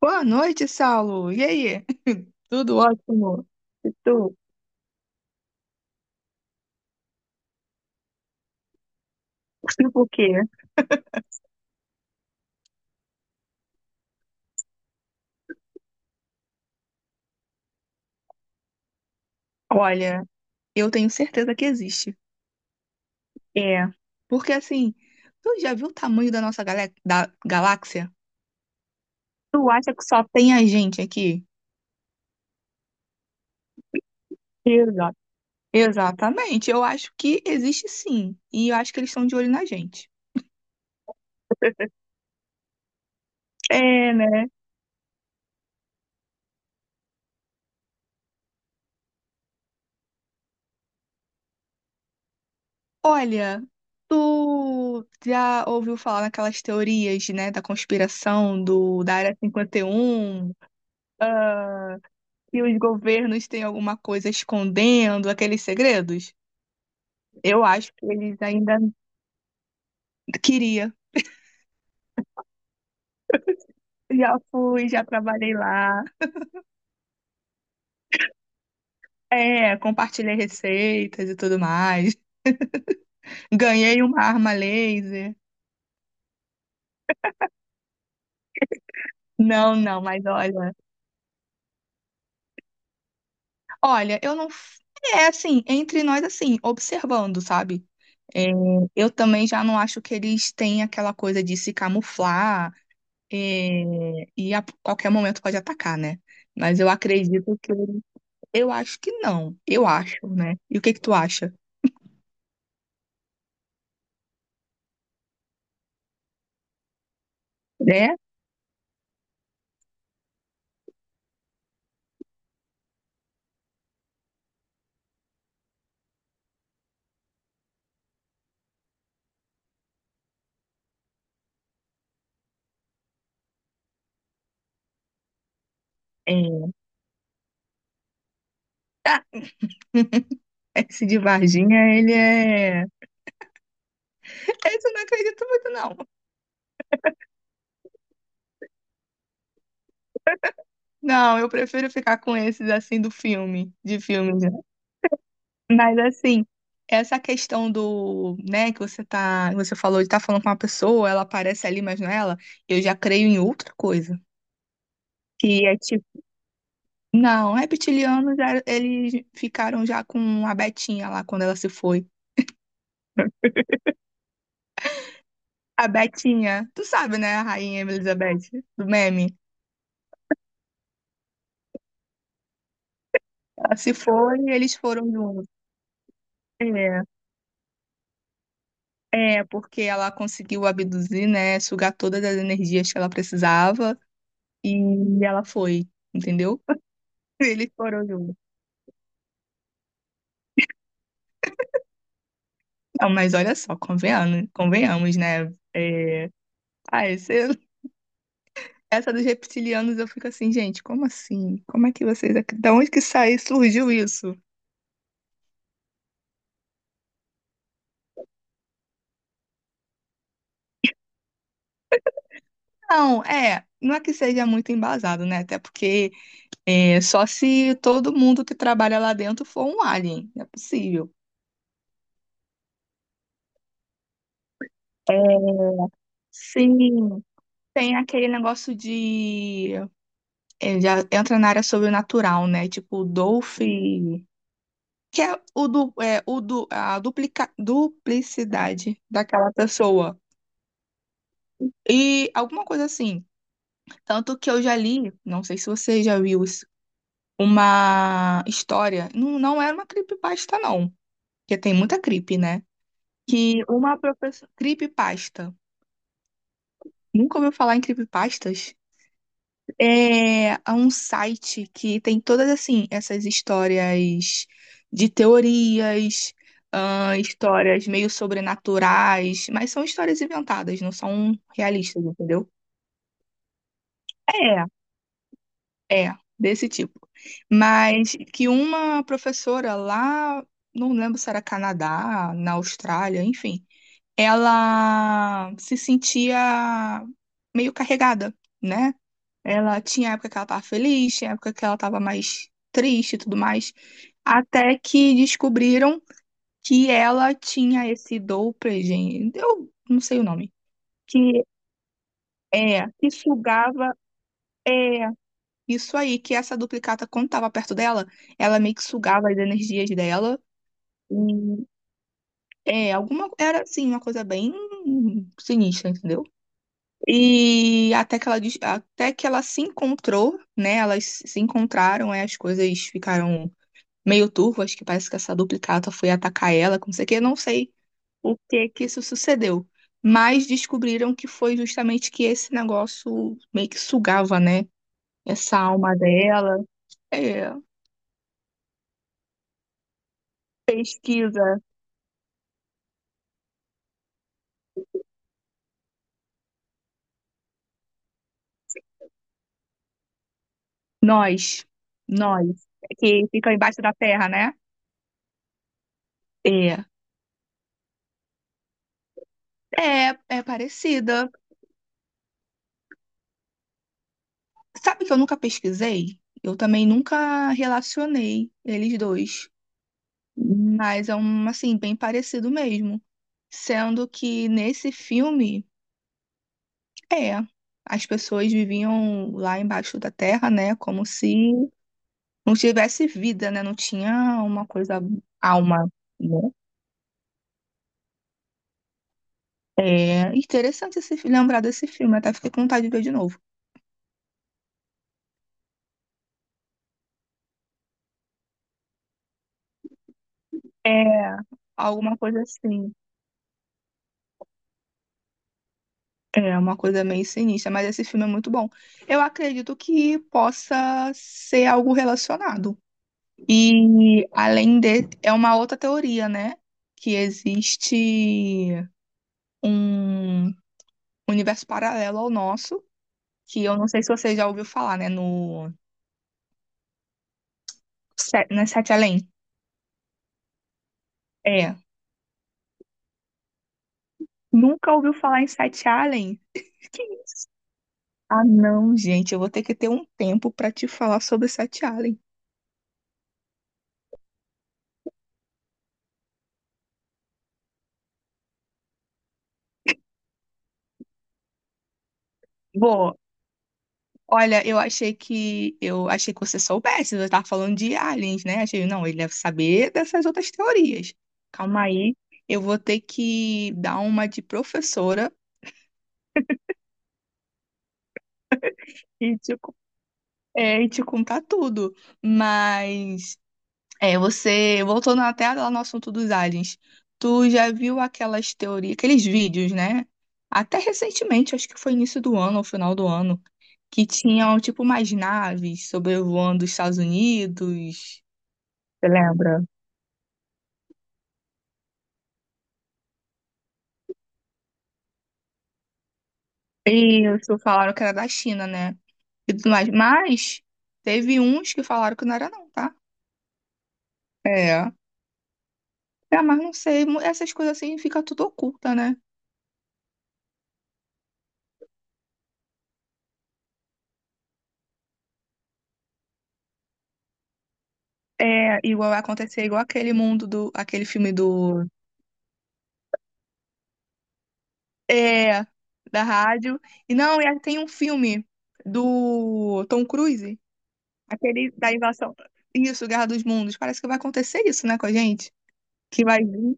Boa noite, Saulo. E aí? Tudo ótimo? E tu? Por quê? Olha, eu tenho certeza que existe. É. Porque assim, tu já viu o tamanho da nossa da galáxia? Tu acha que só tem a gente aqui? Exato. Exatamente. Eu acho que existe sim. E eu acho que eles estão de olho na gente. É, né? Olha, tu já ouviu falar naquelas teorias, né, da conspiração do da Área 51? Que os governos têm alguma coisa escondendo aqueles segredos? Eu acho que eles ainda queria. Já fui, já trabalhei lá. É, compartilhei receitas e tudo mais. Ganhei uma arma laser. Não, não, mas olha, olha, eu não. É assim, entre nós, assim, observando, sabe? É, eu também já não acho que eles têm aquela coisa de se camuflar, é, e a qualquer momento pode atacar, né? Mas eu acredito que eu acho que não. Eu acho, né? E o que que tu acha? Né? É. Ah, esse de Varginha, ele é. Esse eu não acredito muito, não. Não, eu prefiro ficar com esses assim do filme, de filmes, né? Mas assim, essa questão do, né, que você falou de estar falando com uma pessoa, ela aparece ali, mas não é ela, eu já creio em outra coisa. Que é tipo, não, reptilianos, eles ficaram já com a Betinha lá quando ela se foi. A Betinha, tu sabe, né, a rainha Elizabeth, do meme? Ela se foi e eles foram juntos. É, é, porque ela conseguiu abduzir, né, sugar todas as energias que ela precisava e ela foi, entendeu? Eles foram juntos. Não, mas olha só, convenhamos, convenhamos, né? Ah, esse- essa dos reptilianos eu fico assim, gente, como assim? Como é que vocês, da onde que saiu, surgiu isso? Não, é, não é que seja muito embasado, né? Até porque é só se todo mundo que trabalha lá dentro for um alien, é possível. É, sim, tem aquele negócio de. É, já entra na área sobrenatural, né? Tipo, o Dolph. Que é, o do, a duplica, duplicidade daquela pessoa. E alguma coisa assim. Tanto que eu já li, não sei se você já viu isso, uma história. Não, não era uma creepypasta, não. Porque tem muita creep, né? Que uma professora. Creepypasta. Nunca ouviu falar em creepypastas? É, é um site que tem todas assim essas histórias de teorias, histórias meio sobrenaturais, mas são histórias inventadas, não são realistas, entendeu? É, é, desse tipo. Mas que uma professora lá, não lembro se era Canadá, na Austrália, enfim, ela se sentia meio carregada, né? Ela tinha época que ela tava feliz, tinha época que ela tava mais triste e tudo mais. Até que descobriram que ela tinha esse Doppler, gente. Eu não sei o nome. Que é, que sugava. É, isso aí, que essa duplicata, quando tava perto dela, ela meio que sugava as energias dela. E, é, alguma. Era assim, uma coisa bem sinistra, entendeu? E até que ela, até que ela se encontrou, né? Elas se encontraram, é, as coisas ficaram meio turvo, acho que parece que essa duplicata foi atacar ela, com não sei o que, não sei o que que isso sucedeu. Mas descobriram que foi justamente que esse negócio meio que sugava, né? Essa alma dela. É, pesquisa. Nós. Nós. Que fica embaixo da terra, né? É. É, é parecida. Sabe que eu nunca pesquisei? Eu também nunca relacionei eles dois. Mas é um, assim, bem parecido mesmo. Sendo que nesse filme, é, as pessoas viviam lá embaixo da terra, né? Como se não tivesse vida, né? Não tinha uma coisa, alma, né? É interessante esse, lembrar desse filme, até fiquei com vontade de ver de novo. É, alguma coisa assim. É uma coisa meio sinistra, mas esse filme é muito bom. Eu acredito que possa ser algo relacionado. E além de, é uma outra teoria, né? Que existe um universo paralelo ao nosso, que eu não sei se você já ouviu falar, né? No, não é Sete Além? É. Nunca ouviu falar em Sete Além? Que- ah, não, gente, eu vou ter que ter um tempo para te falar sobre Sete Além. Vou. Olha, eu achei que você soubesse, você tava falando de aliens, né? Achei, não, ele deve saber dessas outras teorias. Calma aí, eu vou ter que dar uma de professora e te, e te contar tudo. Mas é, você voltando até lá no assunto dos aliens. Tu já viu aquelas teorias, aqueles vídeos, né? Até recentemente, acho que foi início do ano ou final do ano, que tinham tipo umas naves sobrevoando os Estados Unidos. Você lembra? Isso, falaram que era da China, né? E tudo mais. Mas teve uns que falaram que não era, não, tá? É. É, mas não sei, essas coisas assim fica tudo oculta, né? É, igual vai acontecer, igual aquele mundo do, aquele filme do, é, da rádio. E não, e aí tem um filme do Tom Cruise, aquele da invasão, isso, Guerra dos Mundos. Parece que vai acontecer isso, né, com a gente? Que vai vir.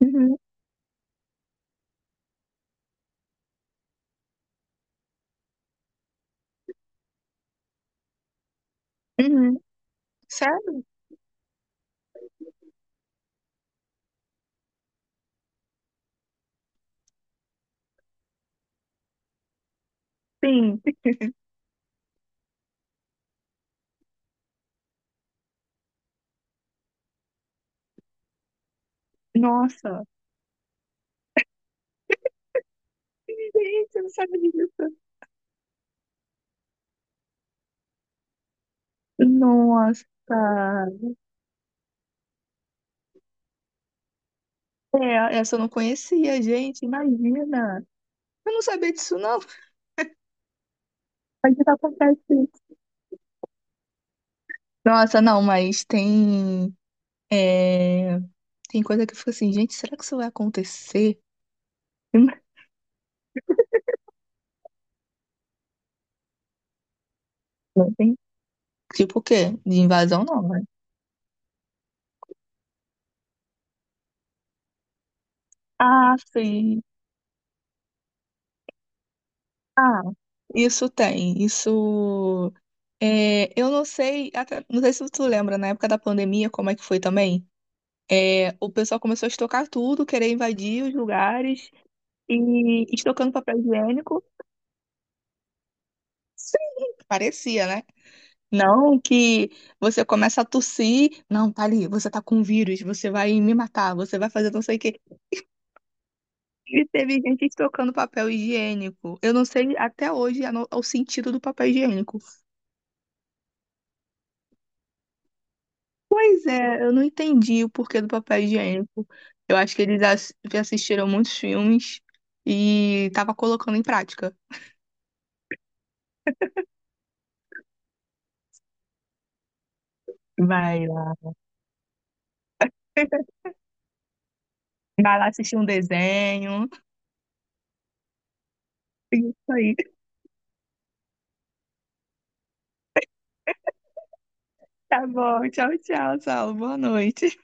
Uhum, uhum. Sério? Sim. Nossa. Gente, eu não sabia disso. Nossa, é, essa eu não conhecia, gente, imagina. Eu não sabia disso, não. Mas que tá acontecendo? Nossa, não, mas tem, é, tem coisa que eu fico assim, gente, será que isso vai acontecer? Não tem. Tipo o quê? De invasão, não, né? Ah, sim. Ah, isso tem, isso... É, eu não sei, não sei se tu lembra, na época da pandemia, como é que foi também? É, o pessoal começou a estocar tudo, querer invadir os lugares. E estocando papel higiênico. Sim, parecia, né? Não que você começa a tossir, não, tá ali, você tá com um vírus, você vai me matar, você vai fazer não sei o quê. E teve gente estocando papel higiênico. Eu não sei até hoje a no- o sentido do papel higiênico. Pois é, eu não entendi o porquê do papel higiênico. Eu acho que eles assistiram muitos filmes e tava colocando em prática. Vai lá. Vai lá assistir um desenho. Isso aí. Tá bom, tchau, tchau, Saulo. Boa noite.